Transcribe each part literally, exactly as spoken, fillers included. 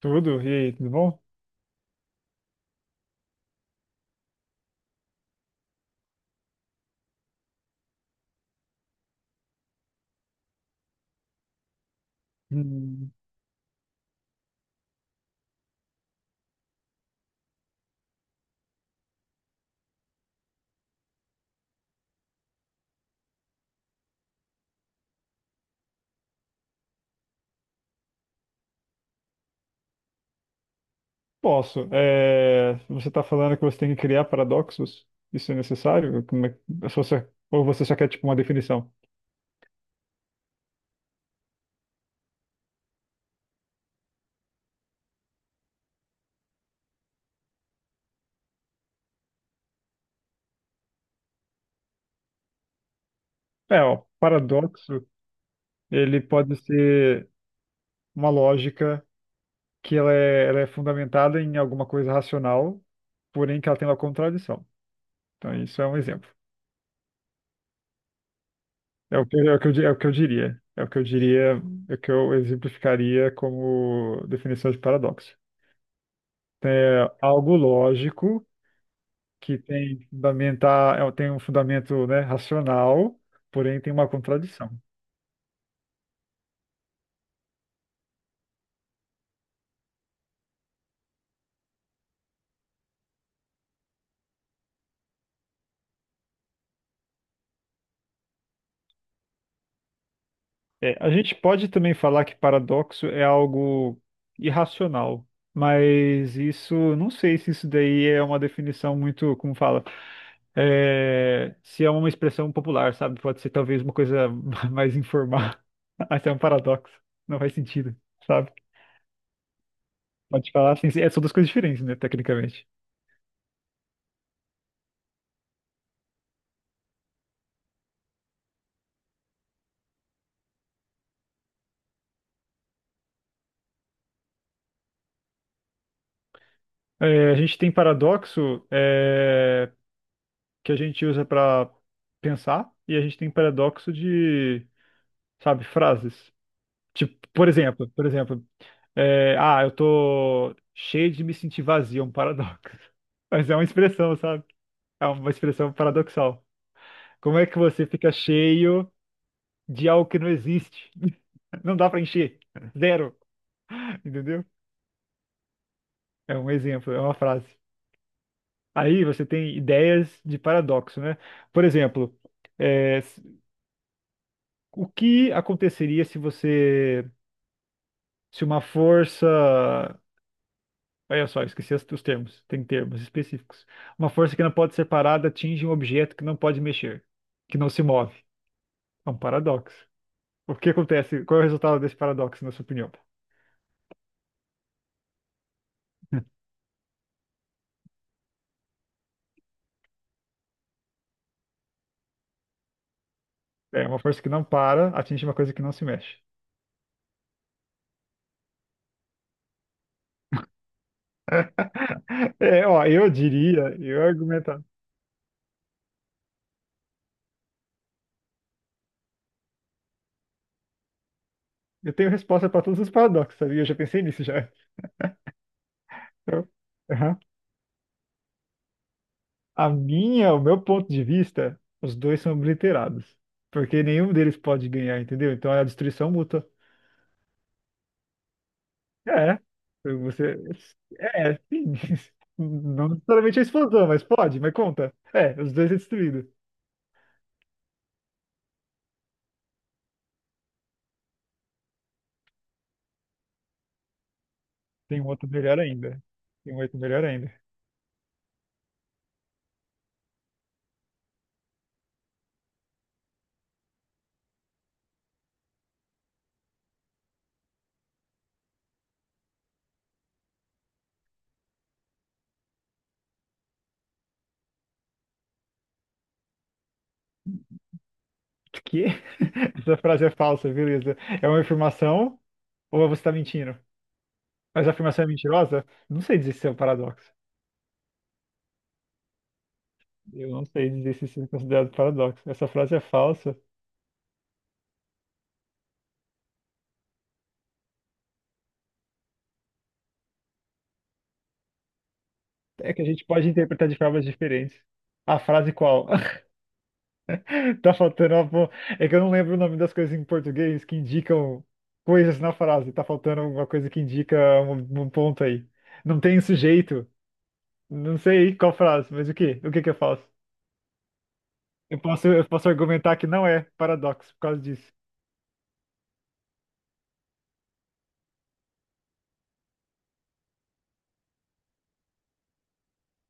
Tudo? E aí, tudo bom? Hum, posso. É, você está falando que você tem que criar paradoxos? Isso é necessário? Como é, ou você ou você só quer tipo uma definição? É, ó, paradoxo, ele pode ser uma lógica que ela é, ela é fundamentada em alguma coisa racional, porém que ela tem uma contradição. Então, isso é um exemplo. É o que, é o que eu, di- é o que eu diria. É o que eu diria, é o que eu exemplificaria como definição de paradoxo. É algo lógico que tem fundamentar, é, tem um fundamento, né, racional, porém tem uma contradição. É, a gente pode também falar que paradoxo é algo irracional, mas isso, não sei se isso daí é uma definição muito, como fala, é, se é uma expressão popular, sabe? Pode ser talvez uma coisa mais informal. Até um paradoxo, não faz sentido, sabe? Pode falar assim, é, são duas coisas diferentes, né, tecnicamente. É, a gente tem paradoxo é, que a gente usa para pensar e a gente tem paradoxo de, sabe, frases. Tipo, por exemplo, por exemplo, é, ah, eu tô cheio de me sentir vazio, é um paradoxo. Mas é uma expressão, sabe? É uma expressão paradoxal. Como é que você fica cheio de algo que não existe? Não dá para encher. Zero. Entendeu? É um exemplo, é uma frase. Aí você tem ideias de paradoxo, né? Por exemplo, é, o que aconteceria se você, se uma força, olha só, esqueci as- os termos, tem termos específicos. Uma força que não pode ser parada atinge um objeto que não pode mexer, que não se move. É um paradoxo. O que acontece? Qual é o resultado desse paradoxo, na sua opinião? É uma força que não para atinge uma coisa que não se mexe. É, ó, eu diria, eu ia argumentar. Eu tenho resposta para todos os paradoxos, sabia? Eu já pensei nisso já. Então, aham. A minha, o meu ponto de vista, os dois são obliterados. Porque nenhum deles pode ganhar, entendeu? Então é a destruição mútua. É. Você. É, é, sim. Não necessariamente a explosão, mas pode, mas conta. É, os dois é destruído. Tem um outro melhor ainda. Tem um outro melhor ainda. O quê? Essa frase é falsa, beleza. É uma afirmação ou você está mentindo? Mas a afirmação é mentirosa? Não sei dizer se é um paradoxo. Eu não sei dizer se isso é considerado paradoxo. Essa frase é falsa. É que a gente pode interpretar de formas diferentes. A frase qual? Tá faltando uma... bo- É que eu não lembro o nome das coisas em português que indicam coisas na frase. Tá faltando alguma coisa que indica um, um ponto aí. Não tem sujeito. Não sei qual frase, mas o quê? O que que eu faço? Eu posso, eu posso argumentar que não é paradoxo por causa disso.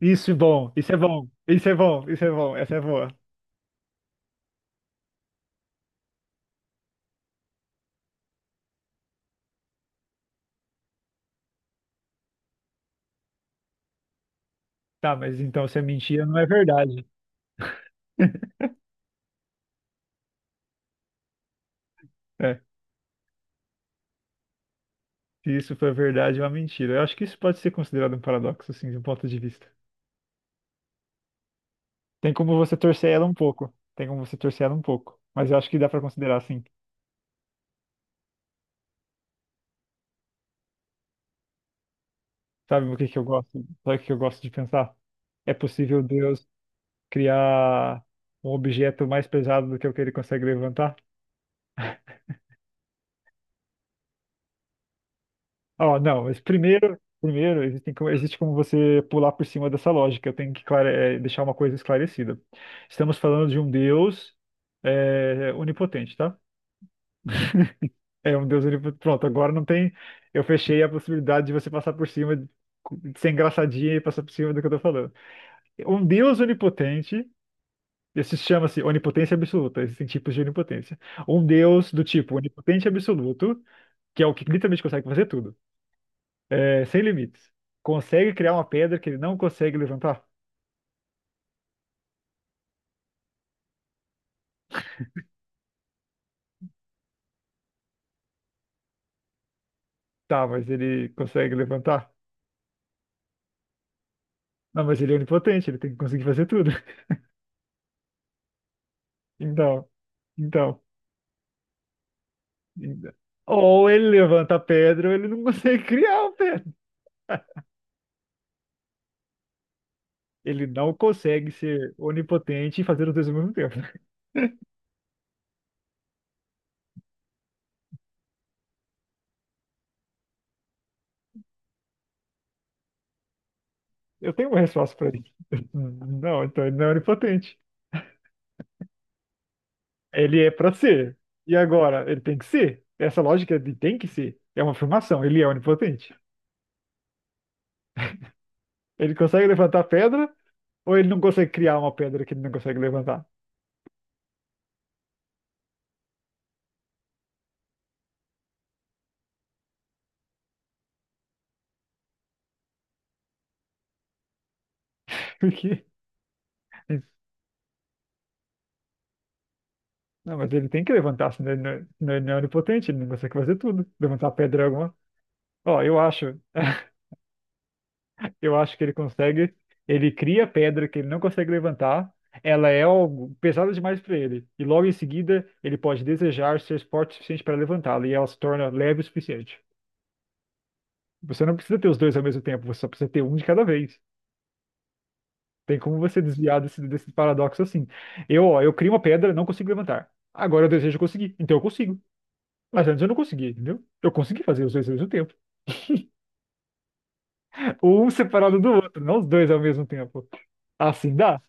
Isso é bom, isso é bom, isso é bom, isso é bom, essa é boa. Tá, mas então se é mentira, não é verdade. É, se isso for verdade, é uma mentira. Eu acho que isso pode ser considerado um paradoxo, assim, de um ponto de vista. Tem como você torcer ela um pouco. Tem como você torcer ela um pouco. Mas eu acho que dá pra considerar assim. Sabe o que que eu gosto? Sabe o que eu gosto de pensar? É possível Deus criar um objeto mais pesado do que o que ele consegue levantar? Ó, não, mas primeiro, primeiro existem como- existe como você pular por cima dessa lógica. Eu tenho que clare- eh, Deixar uma coisa esclarecida. Estamos falando de um Deus eh, onipotente, tá? É um Deus livre. Pronto, agora não tem. Eu fechei a possibilidade de você passar por cima, de de ser engraçadinha e passar por cima do que eu tô falando. Um Deus onipotente, esse chama-se onipotência absoluta, existem tipos de onipotência. Um Deus do tipo onipotente absoluto, que é o que literalmente consegue fazer tudo, é, sem limites. Consegue criar uma pedra que ele não consegue levantar? Tá, mas ele consegue levantar? Não, mas ele é onipotente, ele tem que conseguir fazer tudo. Então, então. Ou ele levanta a pedra, ou ele não consegue criar a pedra. Ele não consegue ser onipotente e fazer os dois ao mesmo tempo. Eu tenho uma resposta para isso. Não, então ele não é onipotente. Ele é para ser. E agora, ele tem que ser? Essa lógica de tem que ser é uma afirmação. Ele é onipotente. Ele consegue levantar a pedra, ou ele não consegue criar uma pedra que ele não consegue levantar? Porque... Não, mas ele tem que levantar, senão ele não é, senão ele não é onipotente, ele não consegue fazer tudo. Levantar a pedra é alguma. Ó, eu acho. Eu acho que ele consegue. Ele cria a pedra que ele não consegue levantar. Ela é algo pesada demais para ele. E logo em seguida, ele pode desejar ser forte o suficiente para levantá-la. E ela se torna leve o suficiente. Você não precisa ter os dois ao mesmo tempo. Você só precisa ter um de cada vez. Tem como você desviar desse, desse paradoxo assim. Eu, ó, eu crio uma pedra, não consigo levantar. Agora eu desejo conseguir. Então eu consigo. Mas antes eu não conseguia, entendeu? Eu consegui fazer os dois ao mesmo tempo. Um separado do outro, não os dois ao mesmo tempo. Assim dá?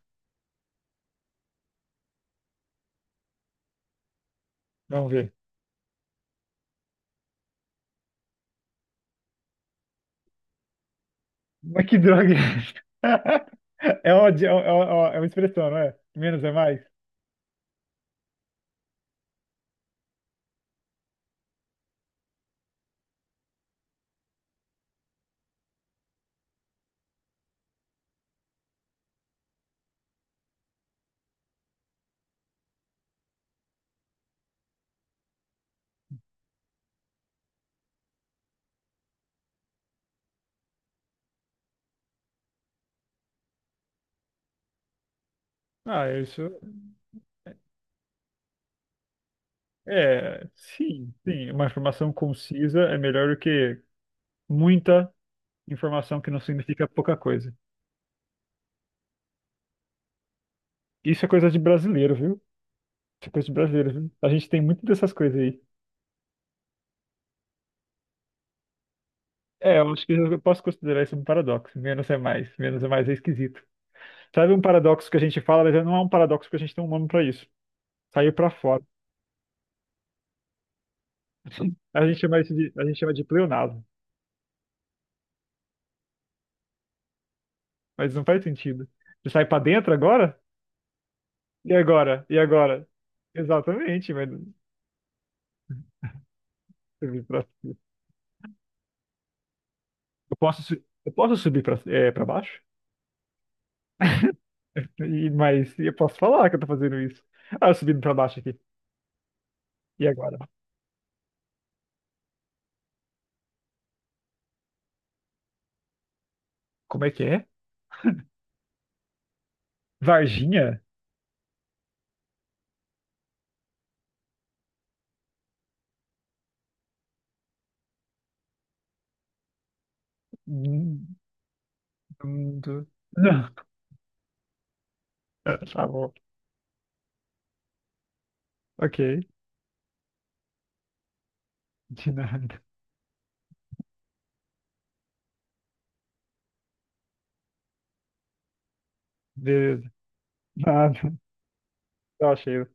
Vamos ver. Mas que droga é essa? É uma, é uma, é uma expressão, não é? Menos é mais? Ah, isso. É, é, sim, sim. Uma informação concisa é melhor do que muita informação que não significa pouca coisa. Isso é coisa de brasileiro, viu? Isso é coisa de brasileiro, viu? A gente tem muito dessas coisas aí. É, eu acho que eu posso considerar isso um paradoxo. Menos é mais. Menos é mais é esquisito. Sabe um paradoxo que a gente fala, mas não é um paradoxo porque a gente tem um nome pra isso. Saiu pra fora. A gente chama isso de, a gente chama de pleonasmo. Mas não faz sentido. Você sai pra dentro agora? E agora? E agora? Exatamente, mas eu vim pra- eu posso, su- eu posso subir pra, é, pra baixo? E, mas eu posso falar que eu tô fazendo isso. Ah, eu subindo pra baixo aqui. E agora? Como é que é? Varginha? Hum, hum, tu- Não. Tá bom. Ok. De nada. Beleza. Nada. Eu achei.